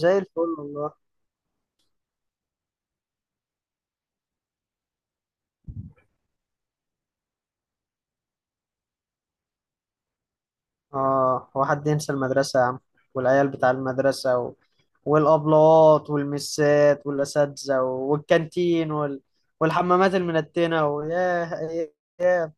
زي الفل والله. اه هو حد ينسى المدرسة يا عم؟ والعيال بتاع المدرسة والأبلات والمسات والأساتذة والكانتين والحمامات المنتنة، وياه أيام.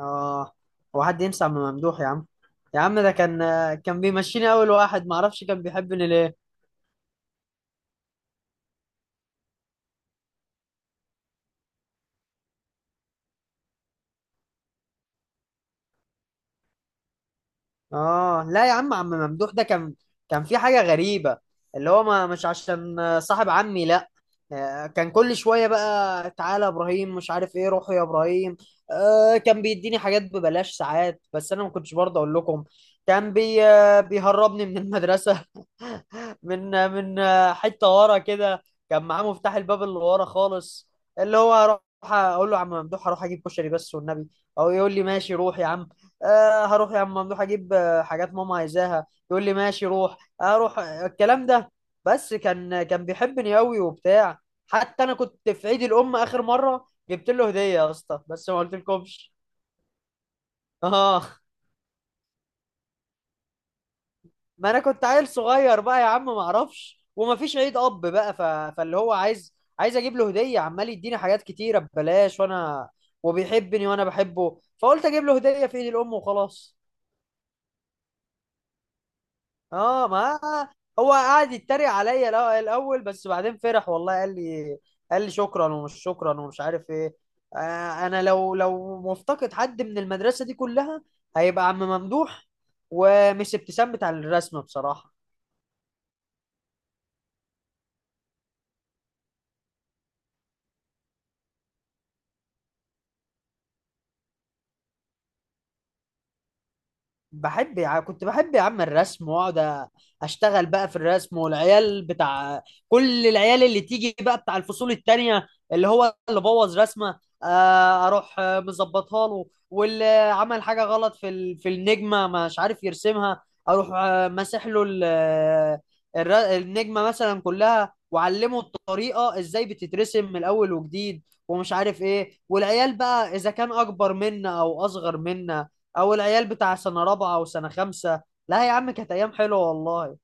اه هو حد ينسى عم ممدوح يا عم؟ يا عم ده كان بيمشيني أول واحد، معرفش كان بيحبني ليه. اه، لا يا عم، عم ممدوح ده كان في حاجة غريبة. اللي هو ما مش عشان صاحب عمي، لا. كان كل شوية بقى تعالى يا ابراهيم مش عارف ايه، روحوا يا ابراهيم. كان بيديني حاجات ببلاش ساعات، بس انا ما كنتش برضه اقول لكم. كان بي آه، بيهربني من المدرسة. من حتة ورا كده. كان معاه مفتاح الباب اللي ورا خالص. اللي هو هروح اقول له يا عم ممدوح، هروح اجيب كشري بس والنبي، او يقول لي ماشي روح يا عم. هروح يا عم ممدوح اجيب حاجات ماما عايزاها، يقول لي ماشي روح، اروح الكلام ده. بس كان بيحبني قوي وبتاع. حتى انا كنت في عيد الام اخر مره جبت له هديه يا اسطى، بس ما قلتلكمش. اه ما انا كنت عيل صغير بقى يا عم، ما اعرفش، وما فيش عيد اب بقى، فاللي هو عايز اجيب له هديه، عمال يديني حاجات كتيره ببلاش، وانا وبيحبني وانا بحبه، فقلت اجيب له هديه في عيد الام وخلاص. اه ما هو قعد يتريق عليا الاول، بس بعدين فرح والله. قال لي شكرا ومش شكرا ومش عارف ايه. انا لو مفتقد حد من المدرسه دي كلها، هيبقى عم ممدوح، ومس ابتسام بتاع الرسم بصراحه. كنت بحب يا عم الرسم، واقعد اشتغل بقى في الرسم، والعيال بتاع، كل العيال اللي تيجي بقى بتاع الفصول التانية، اللي هو اللي بوظ رسمة، اروح مظبطها له، واللي عمل حاجة غلط في النجمة مش عارف يرسمها، اروح ماسح له النجمة مثلا كلها، وعلمه الطريقة ازاي بتترسم من الاول وجديد ومش عارف ايه. والعيال بقى اذا كان اكبر منا او اصغر منا، او العيال بتاع سنه رابعه او سنه خمسه. لا يا عم كانت ايام حلوه والله.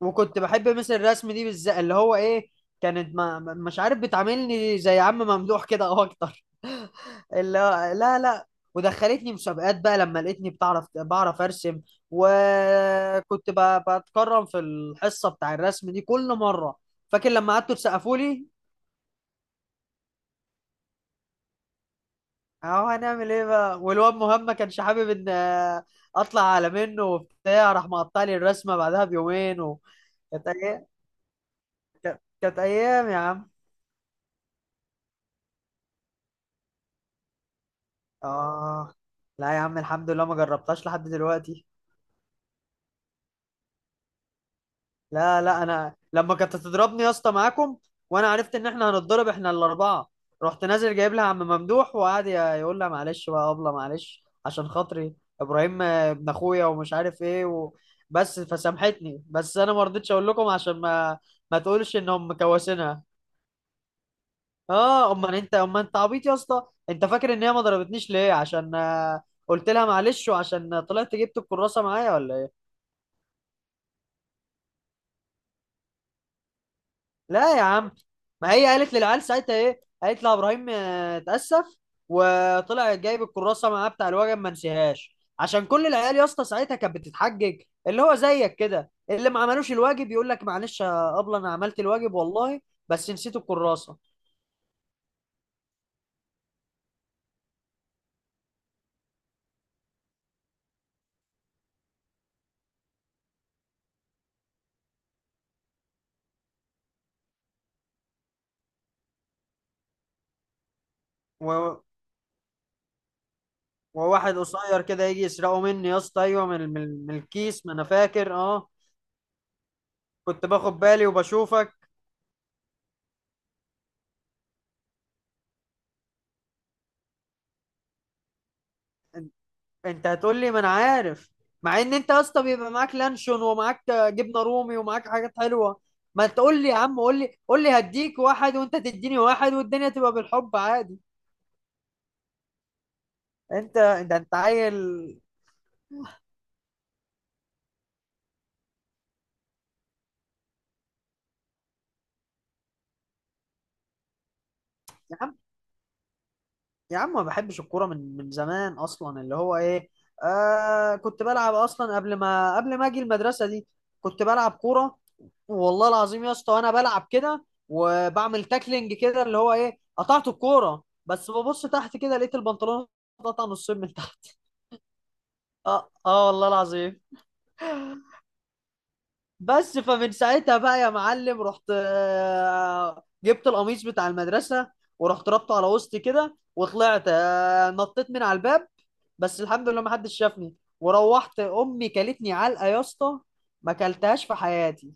وكنت بحب مس الرسم دي بالذات، اللي هو ايه، كانت مش عارف، بتعاملني زي عم ممدوح كده او اكتر. اللي هو لا، لا. ودخلتني مسابقات بقى لما لقيتني بتعرف بعرف ارسم. وكنت بتكرم في الحصه بتاع الرسم دي كل مره. فاكر لما قعدتوا تسقفوا لي؟ اهو هنعمل ايه بقى، والواد مهم ما كانش حابب ان اطلع على منه وبتاع، راح مقطع لي الرسمه بعدها بيومين. كانت ايام. كانت ايام يا عم. اه، لا يا عم الحمد لله ما جربتهاش لحد دلوقتي. لا لا، انا لما كانت تضربني يا اسطى معاكم، وانا عرفت ان احنا هنتضرب احنا الاربعه، رحت نازل جايب لها عم ممدوح، وقعد يقول لها معلش بقى ابله، معلش عشان خاطري، ابراهيم ابن اخويا ومش عارف ايه، و... بس فسامحتني، بس انا ما رضيتش اقول لكم عشان ما ما تقولش انهم مكوسينها. اه امال انت، امال انت عبيط يا اسطى. انت فاكر ان هي ما ضربتنيش ليه؟ عشان قلت لها معلش، وعشان طلعت جبت الكراسه معايا ولا ايه. لا يا عم، ما هي قالت للعيال ساعتها ايه، قالت لها ابراهيم اتاسف، وطلع جايب الكراسه معاه بتاع الوجب ما نسيهاش. عشان كل العيال يا اسطى ساعتها كانت بتتحجج، اللي هو زيك كده، اللي ما عملوش الواجب يقول لك معلش يا ابله انا عملت الواجب والله، بس نسيت الكراسه. و... وواحد قصير كده يجي يسرقه مني يا اسطى، ايوه، من الكيس، ما انا فاكر. اه، كنت باخد بالي وبشوفك. انت هتقول لي، ما انا عارف، مع ان انت يا اسطى بيبقى معاك لانشون، ومعاك جبنه رومي، ومعاك حاجات حلوه. ما تقول لي يا عم، قول لي هديك واحد وانت تديني واحد، والدنيا تبقى بالحب عادي. انت، انت عيل. يا عم، يا عم ما بحبش الكوره من زمان اصلا. اللي هو ايه، آه، كنت بلعب اصلا قبل ما اجي المدرسه دي. كنت بلعب كوره والله العظيم يا اسطى، وانا بلعب كده وبعمل تاكلينج كده، اللي هو ايه، قطعت الكوره، بس ببص تحت كده لقيت البنطلون اتقطع نصين من تحت. اه اه، والله العظيم. بس فمن ساعتها بقى يا معلم، رحت جبت القميص بتاع المدرسه، ورحت ربطه على وسطي كده، وطلعت نطيت من على الباب. بس الحمد لله ما حدش شافني. وروحت امي كلتني علقه يا اسطى ما كلتهاش في حياتي.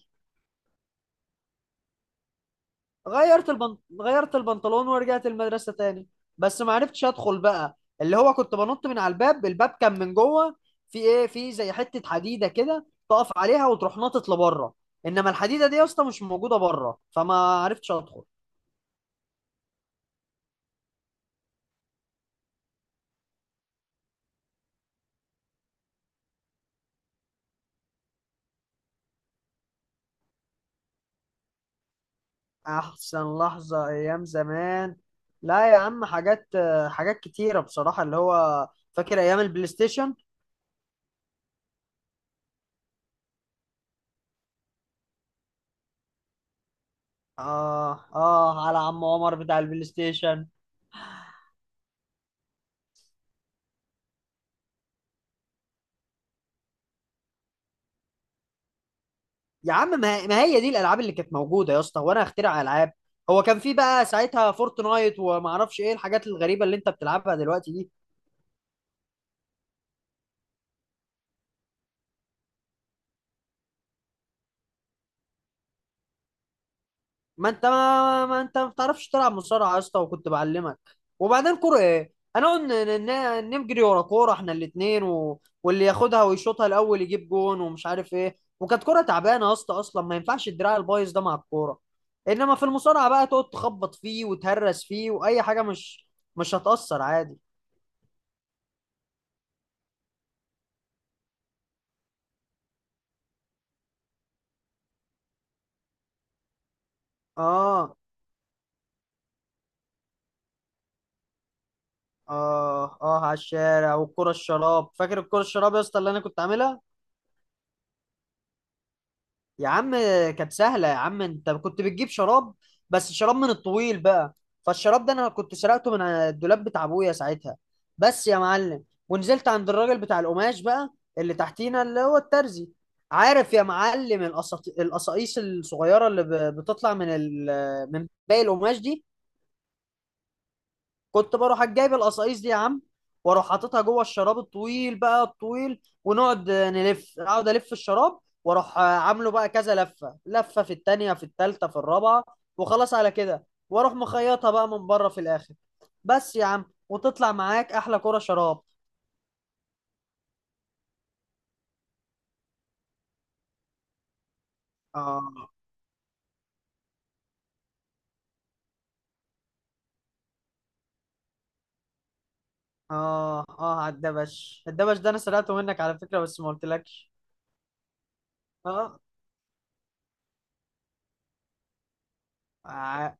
غيرت البنطلون ورجعت المدرسة تاني. بس ما عرفتش ادخل بقى، اللي هو كنت بنط من على الباب، الباب كان من جوه في ايه، في زي حتة حديدة كده تقف عليها وتروح ناطط لبره، انما الحديدة دي يا اسطى مش موجودة بره، فما عرفتش ادخل. احسن لحظة ايام زمان؟ لا يا عم، حاجات، حاجات كتيرة بصراحة، اللي هو فاكر ايام البلاي ستيشن. اه اه، على عم عمر بتاع البلاي ستيشن. يا عم، ما ما هي دي الالعاب اللي كانت موجوده يا اسطى، وانا اخترع العاب. هو كان في بقى ساعتها فورتنايت، وما اعرفش ايه الحاجات الغريبه اللي انت بتلعبها دلوقتي دي. ما انت ما بتعرفش تلعب مصارعه يا اسطى، وكنت بعلمك. وبعدين كوره ايه، انا نجري ورا كوره احنا الاثنين واللي ياخدها ويشوطها الاول يجيب جون ومش عارف ايه. وكانت كوره تعبانه يا اسطى اصلا، ما ينفعش الدراع البايظ ده مع الكوره. انما في المصارعه بقى تقعد تخبط فيه وتهرس فيه، واي حاجه مش هتاثر عادي. اه اه اه، على الشارع والكرة الشراب. فاكر الكرة الشراب يا اسطى اللي انا كنت عاملها؟ يا عم كانت سهلة يا عم، انت كنت بتجيب شراب، بس شراب من الطويل بقى. فالشراب ده انا كنت سرقته من الدولاب بتاع ابويا ساعتها، بس يا معلم، ونزلت عند الراجل بتاع القماش بقى اللي تحتينا، اللي هو الترزي. عارف يا معلم القصاقيص الصغيرة اللي بتطلع من باقي القماش دي. كنت بروح جايب القصايص دي يا عم، واروح حاططها جوه الشراب الطويل بقى، الطويل، ونقعد نلف، اقعد الف الشراب، واروح عامله بقى كذا لفه، لفه في التانيه، في التالته، في الرابعه، وخلاص على كده، واروح مخيطها بقى من بره في الاخر، بس يا عم، وتطلع معاك احلى كرة شراب. اه اه اه، على الدبش. الدبش ده انا سرقته منك على فكره، بس ما قلتلكش. اه، ع-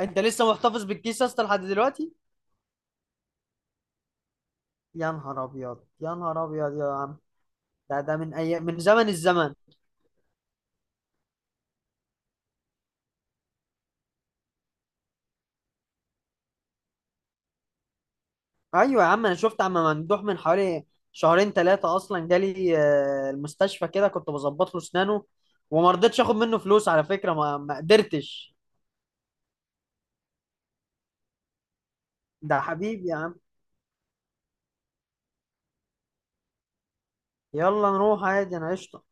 انت لسه محتفظ بالكيس يا اسطى لحد دلوقتي؟ يا نهار ابيض، يا نهار ابيض يا عم، ده من زمن الزمن. ايوه يا عم، انا شفت عم ممدوح من حوالي شهرين ثلاثه اصلا، جالي المستشفى كده، كنت بظبط له اسنانه، وما رضيتش اخد منه فلوس على فكره، ما قدرتش. ده حبيبي يا عم. يلا نروح عادي انا قشطه.